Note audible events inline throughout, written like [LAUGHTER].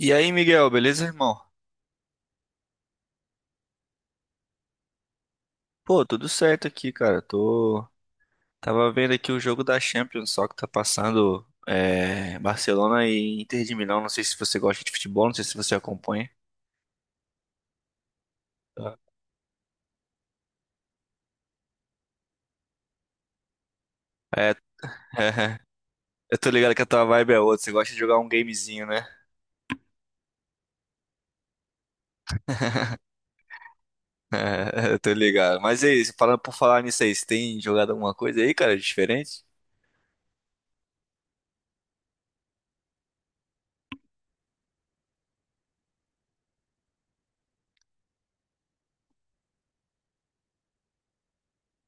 E aí, Miguel, beleza, irmão? Pô, tudo certo aqui, cara. Tô tava vendo aqui o jogo da Champions, só que tá passando Barcelona e Inter de Milão. Não sei se você gosta de futebol, não sei se você acompanha. Tá. É, [LAUGHS] eu tô ligado que a tua vibe é outra. Você gosta de jogar um gamezinho, né? É, [LAUGHS] eu tô ligado. Mas é isso. Falando por falar nisso aí, você tem jogado alguma coisa aí, cara, diferente?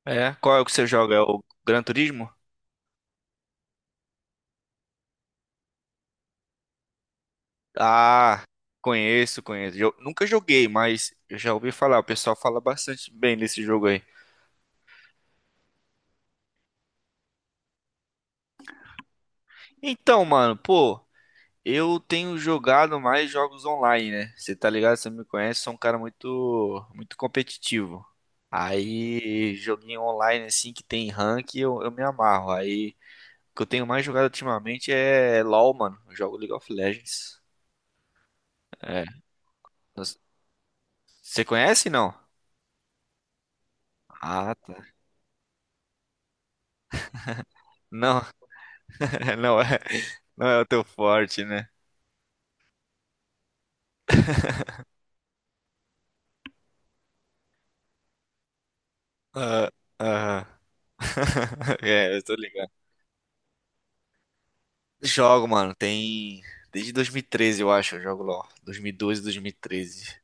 É. Qual é o que você joga? É o Gran Turismo? Ah, conheço, conheço. Eu nunca joguei, mas eu já ouvi falar. O pessoal fala bastante bem desse jogo aí. Então, mano, pô, eu tenho jogado mais jogos online, né? Você tá ligado? Você me conhece, sou um cara muito, muito competitivo. Aí, joguinho online assim que tem rank, eu me amarro. Aí, o que eu tenho mais jogado ultimamente é LoL, mano. Eu jogo League of Legends. É. Você conhece, não? Ah, tá. Não, [LAUGHS] não é, não é o teu forte, né? Ah, aham. [LAUGHS] É, eu tô ligado. Jogo, mano, tem. Desde 2013, eu acho, eu jogo LOL. 2012, 2013.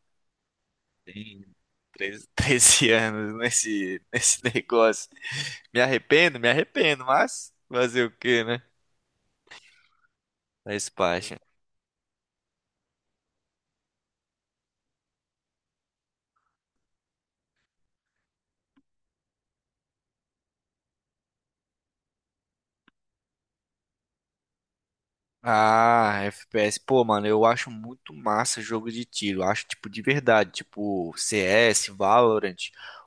Tem 13 [LAUGHS] 13 anos nesse negócio. Me arrependo, mas fazer o quê, né? Faz parte. Ah, FPS. Pô, mano, eu acho muito massa jogo de tiro. Acho, tipo, de verdade. Tipo, CS, Valorant.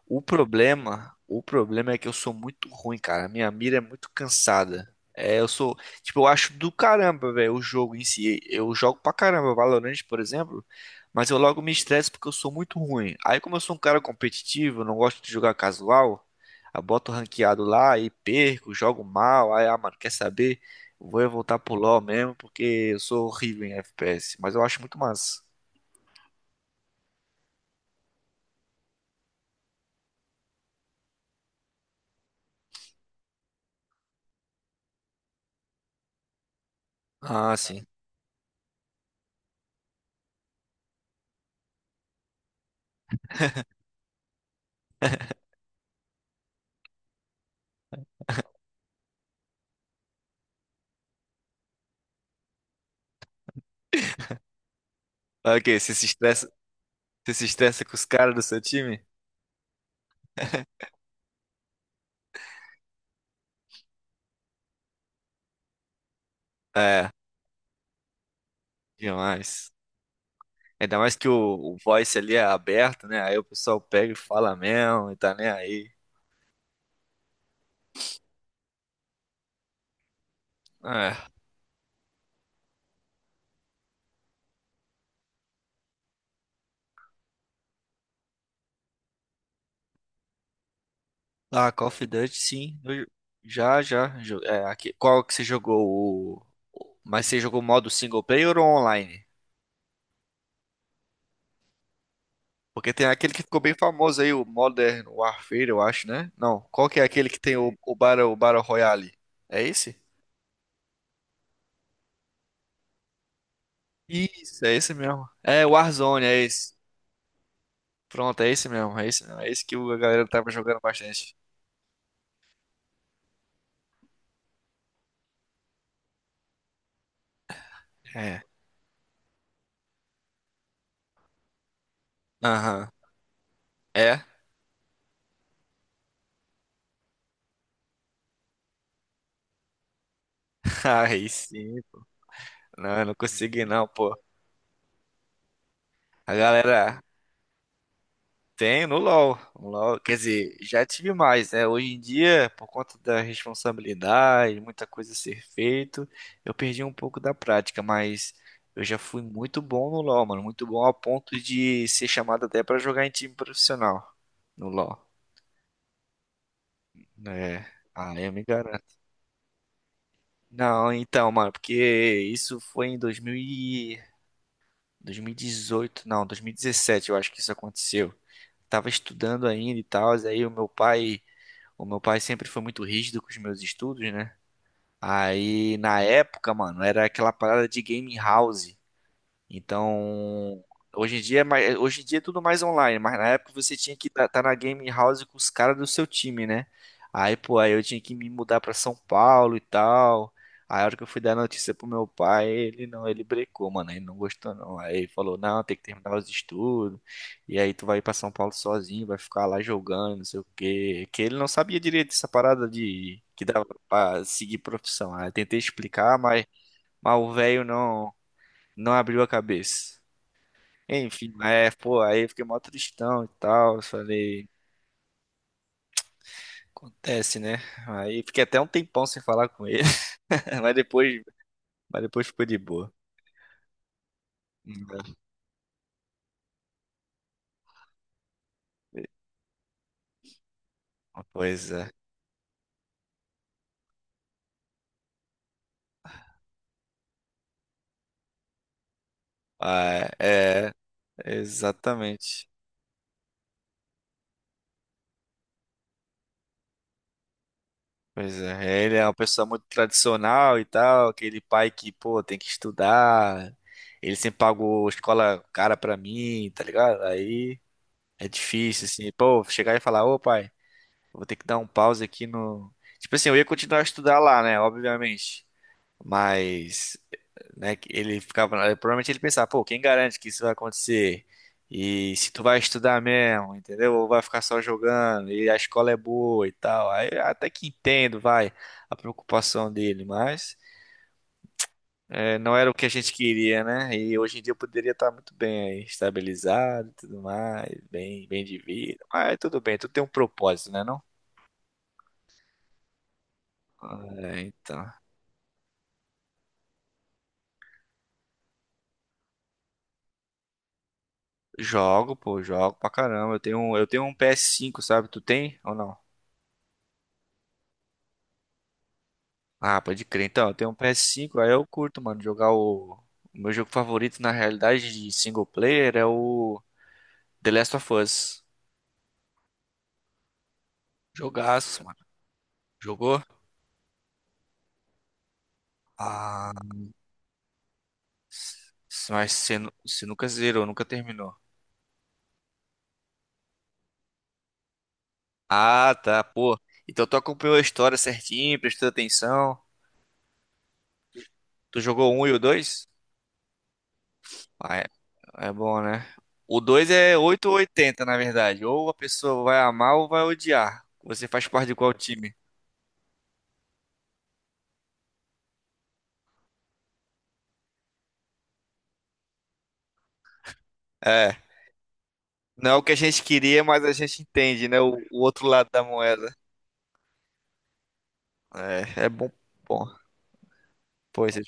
O problema é que eu sou muito ruim, cara. Minha mira é muito cansada. É, eu acho do caramba, velho, o jogo em si. Eu jogo pra caramba Valorant, por exemplo, mas eu logo me estresso porque eu sou muito ruim. Aí, como eu sou um cara competitivo, eu não gosto de jogar casual, eu boto ranqueado lá e perco, jogo mal. Aí, ah, mano, quer saber? Vou eu voltar pro LoL mesmo, porque eu sou horrível em FPS, mas eu acho muito massa. Ah, sim. Ah, ok, você se estressa com os caras do seu time? É, demais. Ainda mais que o voice ali é aberto, né? Aí o pessoal pega e fala mesmo e tá nem aí. É. Ah, Call of Duty, sim. Eu já, já. É, aqui. Qual que você jogou? Mas você jogou modo single player ou online? Porque tem aquele que ficou bem famoso aí, o Modern Warfare, eu acho, né? Não, qual que é aquele que tem o Battle Royale? É esse? Isso, é esse mesmo. É, o Warzone, é esse. Pronto, é esse mesmo, é esse mesmo. É esse que a galera tava jogando bastante. É. Aham. É? [LAUGHS] Aí sim. Não, eu não consegui não, pô. A galera, Tenho no LoL. No LoL, quer dizer, já tive mais, né? Hoje em dia, por conta da responsabilidade, muita coisa a ser feito, eu perdi um pouco da prática, mas eu já fui muito bom no LoL, mano, muito bom a ponto de ser chamado até pra jogar em time profissional no LoL, né? Ah, eu me garanto. Não, então, mano, porque isso foi em 2000 e- 2018, não, 2017, eu acho que isso aconteceu. Tava estudando ainda e tal, aí o meu pai O meu pai sempre foi muito rígido com os meus estudos, né? Aí, na época, mano, era aquela parada de game house. Então, hoje em dia, hoje em dia é tudo mais online, mas na época você tinha que estar na game house com os caras do seu time, né? Aí, pô, aí eu tinha que me mudar pra São Paulo e tal. Aí, a hora que eu fui dar notícia pro meu pai, ele não, ele brecou, mano, ele não gostou não. Aí ele falou: "Não, tem que terminar os estudos. E aí tu vai pra São Paulo sozinho, vai ficar lá jogando, não sei o quê". Que ele não sabia direito essa parada de que dava pra seguir profissão. Aí eu tentei explicar, mas, o velho não abriu a cabeça. Enfim, é, pô, aí eu fiquei mó tristão e tal. Eu falei, acontece, né? Aí fiquei até um tempão sem falar com ele, [LAUGHS] mas depois, mas depois ficou de boa. Uhum. Pois é. Ah, é, exatamente. Pois é, ele é uma pessoa muito tradicional e tal, aquele pai que, pô, tem que estudar. Ele sempre pagou escola cara pra mim, tá ligado? Aí é difícil, assim, pô, chegar e falar, ô pai. Eu vou ter que dar um pause aqui no. Tipo assim, eu ia continuar a estudar lá, né? Obviamente. Mas, né, que ele ficava. Provavelmente ele pensava, pô, quem garante que isso vai acontecer? E se tu vai estudar mesmo, entendeu? Ou vai ficar só jogando, e a escola é boa e tal. Aí eu até que entendo, vai, a preocupação dele, mas não era o que a gente queria, né? E hoje em dia eu poderia estar muito bem aí, estabilizado e tudo mais, bem, bem de vida. Mas tudo bem, tu tem um propósito, né, não? É, então. Jogo, pô, jogo pra caramba. Eu tenho um PS5, sabe? Tu tem ou não? Ah, pode crer. Então, eu tenho um PS5, aí eu curto, mano, jogar O meu jogo favorito, na realidade, de single player é o The Last of Us. Jogaço, mano. Jogou? Ah, s- mas você nunca zerou, nunca terminou. Ah, tá, pô. Então tu acompanhou a história certinho, prestou atenção. Tu jogou o 1 e o 2? Ah, é, é bom, né? O 2 é 8 ou 80, na verdade. Ou a pessoa vai amar ou vai odiar. Você faz parte de qual time? É. Não é o que a gente queria, mas a gente entende, né? O outro lado da moeda. É, é bom. Bom, pô,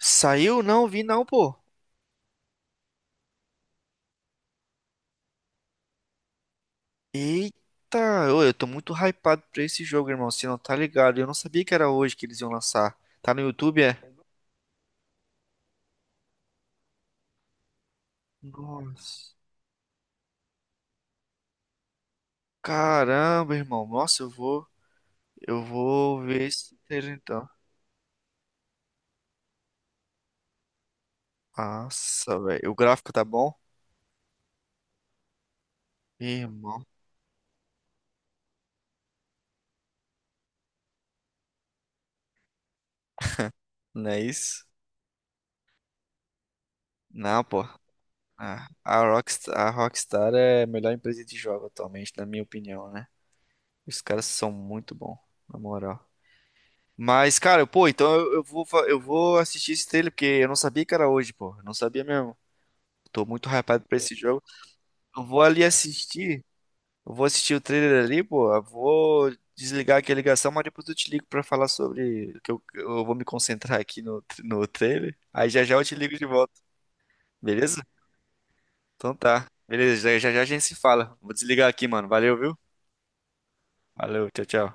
Saiu? Não, vi não, pô. Eita, eu tô muito hypado pra esse jogo, irmão. Você não tá ligado? Eu não sabia que era hoje que eles iam lançar. Tá no YouTube, é? Nossa. Caramba, irmão. Nossa, eu vou ver esse trailer, então. Nossa, velho. O gráfico tá bom? Irmão. Não é isso? Não, pô. Ah, a Rockstar é a melhor empresa de jogo atualmente, na minha opinião, né? Os caras são muito bons, na moral. Mas, cara, pô, então eu vou assistir esse trailer, porque eu não sabia que era hoje, pô. Eu não sabia mesmo. Tô muito hypado pra esse jogo. Eu vou ali assistir. Eu vou assistir o trailer ali, pô. Eu vou desligar aqui a ligação, mas depois eu te ligo pra falar sobre. Que eu vou me concentrar aqui no trailer. Aí já já eu te ligo de volta, beleza? Então tá. Beleza, já já já a gente se fala. Vou desligar aqui, mano. Valeu, viu? Valeu, tchau, tchau.